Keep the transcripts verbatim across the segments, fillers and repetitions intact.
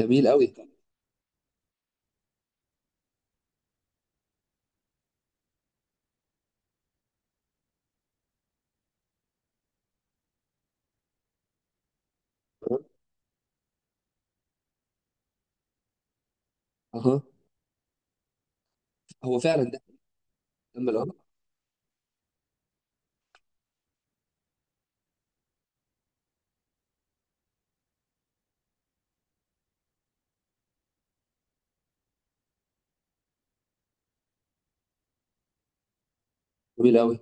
جميل قوي. اها، هو فعلا ده. كمل، اه. جميل قوي.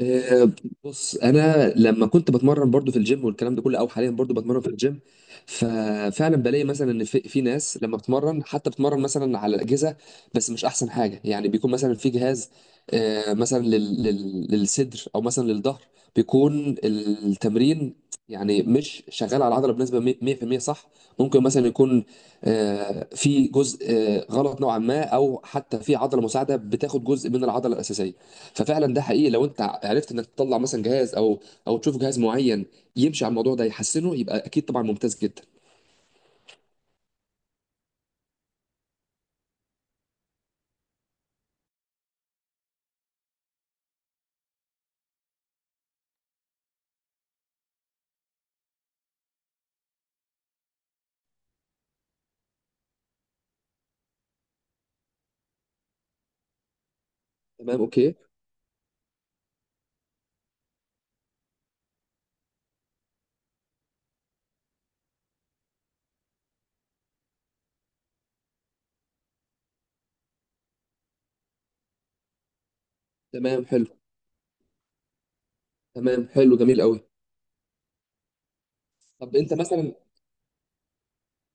آه، بص انا لما كنت بتمرن برضو في الجيم والكلام ده كله، او حاليا برضو بتمرن في الجيم، ففعلا بلاقي مثلا ان في, في ناس لما بتمرن حتى بتمرن مثلا على الاجهزه، بس مش احسن حاجه، يعني بيكون مثلا في جهاز آه، مثلا لل- لل- للصدر او مثلا للظهر، بيكون التمرين يعني مش شغال على العضله بنسبه مية- 100% صح. ممكن مثلا يكون آه، في جزء آه، غلط نوعا ما، او حتى في عضله مساعده بتاخد جزء من العضله الاساسيه. ففعلا ده حقيقي، لو انت عرفت انك تطلع مثلا جهاز او او تشوف جهاز معين يمشي على الموضوع ده يحسنه، يبقى اكيد طبعا ممتاز جدا. تمام اوكي. تمام حلو. تمام حلو، جميل قوي. طب انت مثلا،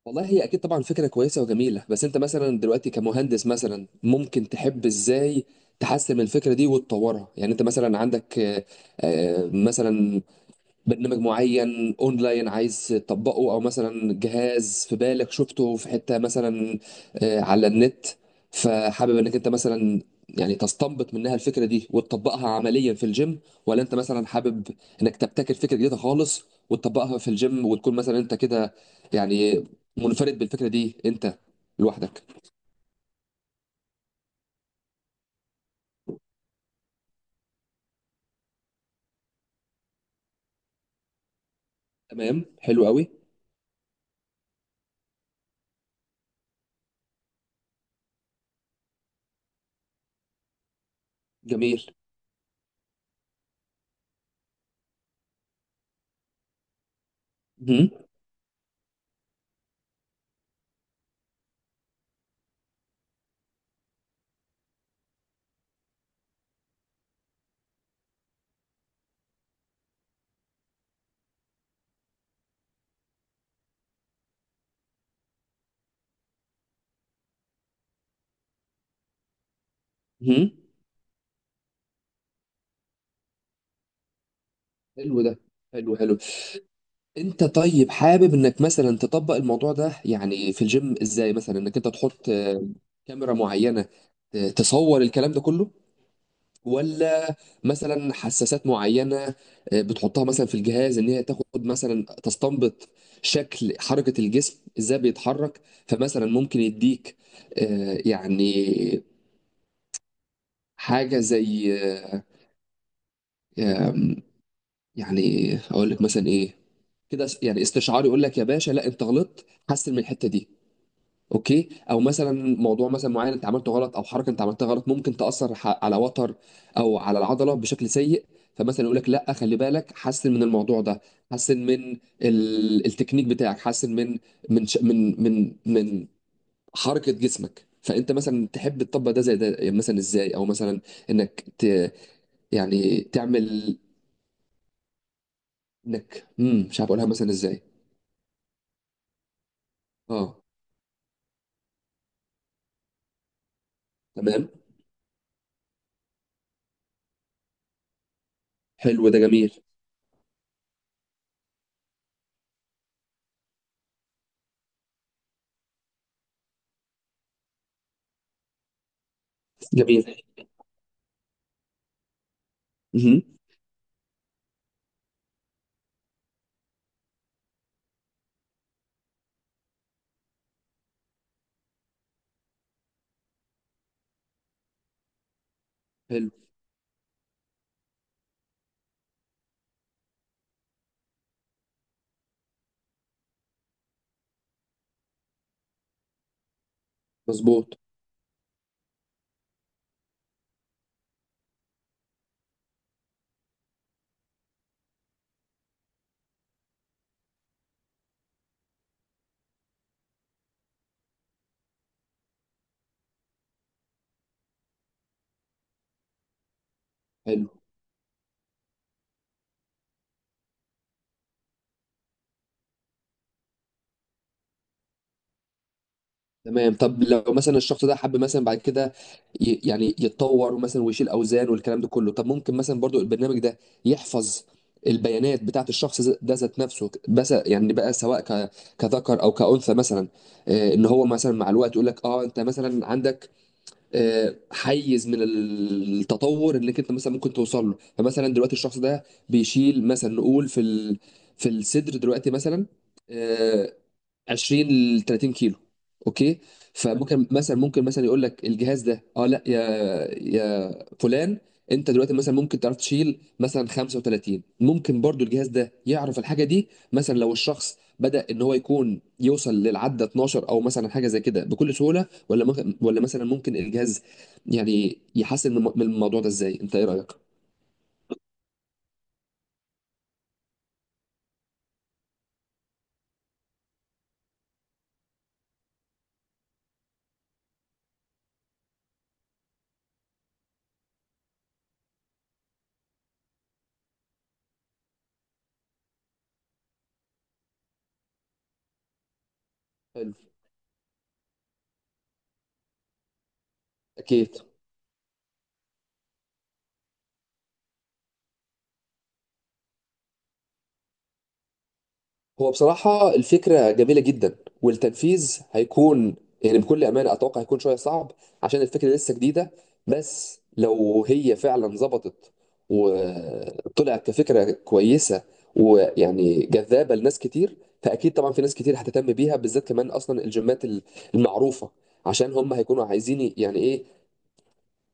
والله هي اكيد طبعا فكره كويسه وجميله، بس انت مثلا دلوقتي كمهندس مثلا ممكن تحب ازاي تحسن من الفكره دي وتطورها، يعني انت مثلا عندك آه، آه، مثلا برنامج معين اونلاين عايز تطبقه، او مثلا جهاز في بالك شفته في حتة مثلا آه، على النت، فحابب انك انت مثلا يعني تستنبط منها الفكرة دي وتطبقها عمليا في الجيم، ولا انت مثلا حابب انك تبتكر فكرة جديدة خالص وتطبقها في الجيم، وتكون مثلا انت كده يعني منفرد بالفكرة دي انت لوحدك. تمام حلو قوي. جميل. مهم. مهم. حلو ده. حلو حلو. انت طيب حابب انك مثلا تطبق الموضوع ده يعني في الجيم ازاي، مثلا انك انت تحط آه، كاميرا معينة آه، تصور الكلام ده كله، ولا مثلا حساسات معينة آه، بتحطها مثلا في الجهاز ان هي تاخد مثلا تستنبط شكل حركة الجسم ازاي بيتحرك، فمثلا ممكن يديك آه، يعني حاجة زي آه، آم، يعني اقول لك مثلا ايه، كده يعني استشعار يقول لك يا باشا لا انت غلطت، حسن من الحتة دي، اوكي. او مثلا موضوع مثلا معين انت عملته غلط، او حركه انت عملتها غلط ممكن تاثر ح- على وتر او على العضله بشكل سيء، فمثلا يقول لك لا خلي بالك، حسن من الموضوع ده، حسن من ال... التكنيك بتاعك، حسن من من ش... من من من حركه جسمك. فانت مثلا تحب تطبق ده زي ده يعني مثلا ازاي، او مثلا انك ت... يعني تعمل انك امم مش عارف اقولها مثلا ازاي. اه، تمام. حلو ده، جميل. جميل. مهم. حلو. مظبوط. حلو. تمام، طب لو مثلا الشخص ده حب مثلا بعد كده ي- يعني يتطور مثلا ويشيل اوزان والكلام ده كله، طب ممكن مثلا برضو البرنامج ده يحفظ البيانات بتاعت الشخص ذ- ده ذات نفسه، بس يعني بقى سواء ك- كذكر او كأنثى مثلا، آه، ان هو مثلا مع الوقت يقول لك اه انت مثلا عندك آه، حيز من التطور انك انت مثلا ممكن توصل له، فمثلا دلوقتي الشخص ده بيشيل مثلا، نقول في ال- في الصدر دلوقتي مثلا آه، عشرين ل تلاتين كيلو، اوكي، فممكن مثلا ممكن مثلا يقول لك الجهاز ده اه لا يا يا فلان، انت دلوقتي مثلا ممكن تعرف تشيل مثلا خمسة وثلاثين، ممكن برضو الجهاز ده يعرف الحاجه دي مثلا، لو الشخص بدأ ان هو يكون يوصل للعدة اتناشر او مثلا حاجه زي كده بكل سهوله، ولا ممكن، ولا مثلا ممكن الجهاز يعني يحسن من من الموضوع ده ازاي؟ انت ايه رأيك؟ حلو. اكيد. هو بصراحة الفكرة جميلة جدا، والتنفيذ هيكون يعني بكل أمانة أتوقع هيكون شوية صعب عشان الفكرة لسه جديدة، بس لو هي فعلا ظبطت وطلعت كفكرة كويسة ويعني جذابة لناس كتير، فأكيد طبعا في ناس كتير هتهتم بيها، بالذات كمان أصلا الجيمات المعروفة، عشان هم هيكونوا عايزين يعني إيه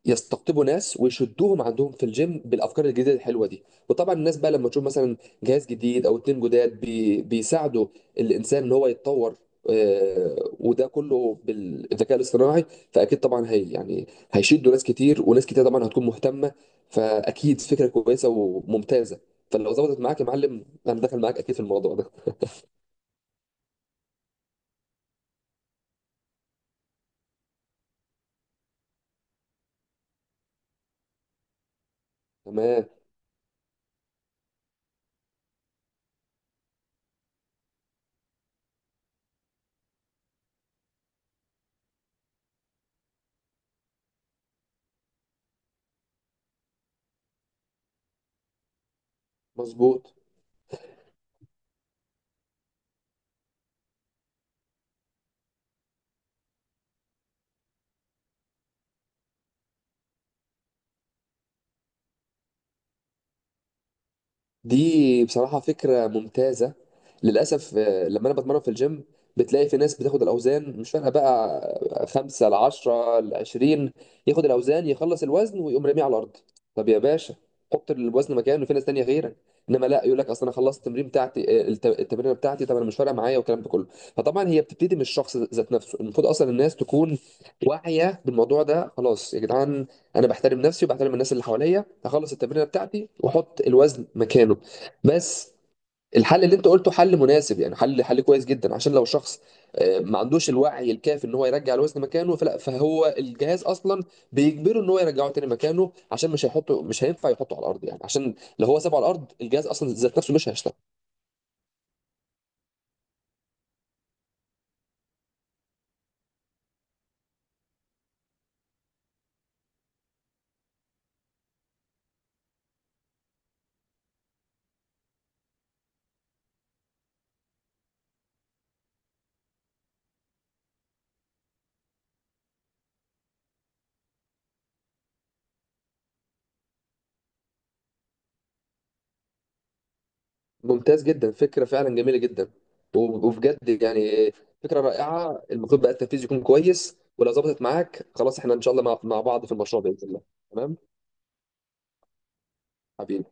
يستقطبوا ناس ويشدوهم عندهم في الجيم بالافكار الجديده الحلوه دي. وطبعا الناس بقى لما تشوف مثلا جهاز جديد او اتنين جداد بي بيساعدوا الانسان ان هو يتطور، آه، وده كله بالذكاء الاصطناعي، فاكيد طبعا هي يعني هيشدوا ناس كتير، وناس كتير طبعا هتكون مهتمه، فاكيد فكره كويسه وممتازه، فلو ظبطت معاك يا معلم انا داخل معاك اكيد في الموضوع ده. تمام. مظبوط. دي بصراحة فكرة ممتازة. للأسف آه، لما أنا بتمرن في الجيم بتلاقي في ناس بتاخد الأوزان مش فارقة بقى، آه، خمسة لعشرة لعشرين، ياخد الأوزان يخلص الوزن ويقوم راميه على الأرض. طب يا باشا، حط الوزن مكانه، في ناس تانية غيرك. إنما لا، يقول لك أصل أنا خلصت التمرين بتاعتي، آه، الت- التمرينة بتاعتي، طب أنا مش فارقة معايا والكلام ده كله. فطبعا هي بتبتدي من الشخص ذات نفسه، المفروض أصلا الناس تكون واعية بالموضوع ده. خلاص يا جدعان، انا بحترم نفسي وبحترم الناس اللي حواليا، هخلص التمرينه بتاعتي واحط الوزن مكانه، بس. الحل اللي انت قلته حل مناسب، يعني حل حل كويس جدا، عشان لو شخص آه، ما عندوش الوعي الكافي ان هو يرجع الوزن مكانه، فلا، فهو الجهاز اصلا بيجبره ان هو يرجعه تاني مكانه، عشان مش هيحطه، مش هينفع يحطه على الارض، يعني عشان لو هو سابه على الارض الجهاز اصلا ذات نفسه مش هيشتغل. ممتاز جدا، فكرة فعلا جميلة جدا، وب- وبجد يعني فكرة رائعة. المفروض بقى التنفيذ يكون كويس، ولو ظبطت معاك خلاص احنا ان شاء الله مع مع بعض في المشروع بإذن الله. تمام. حبيبي.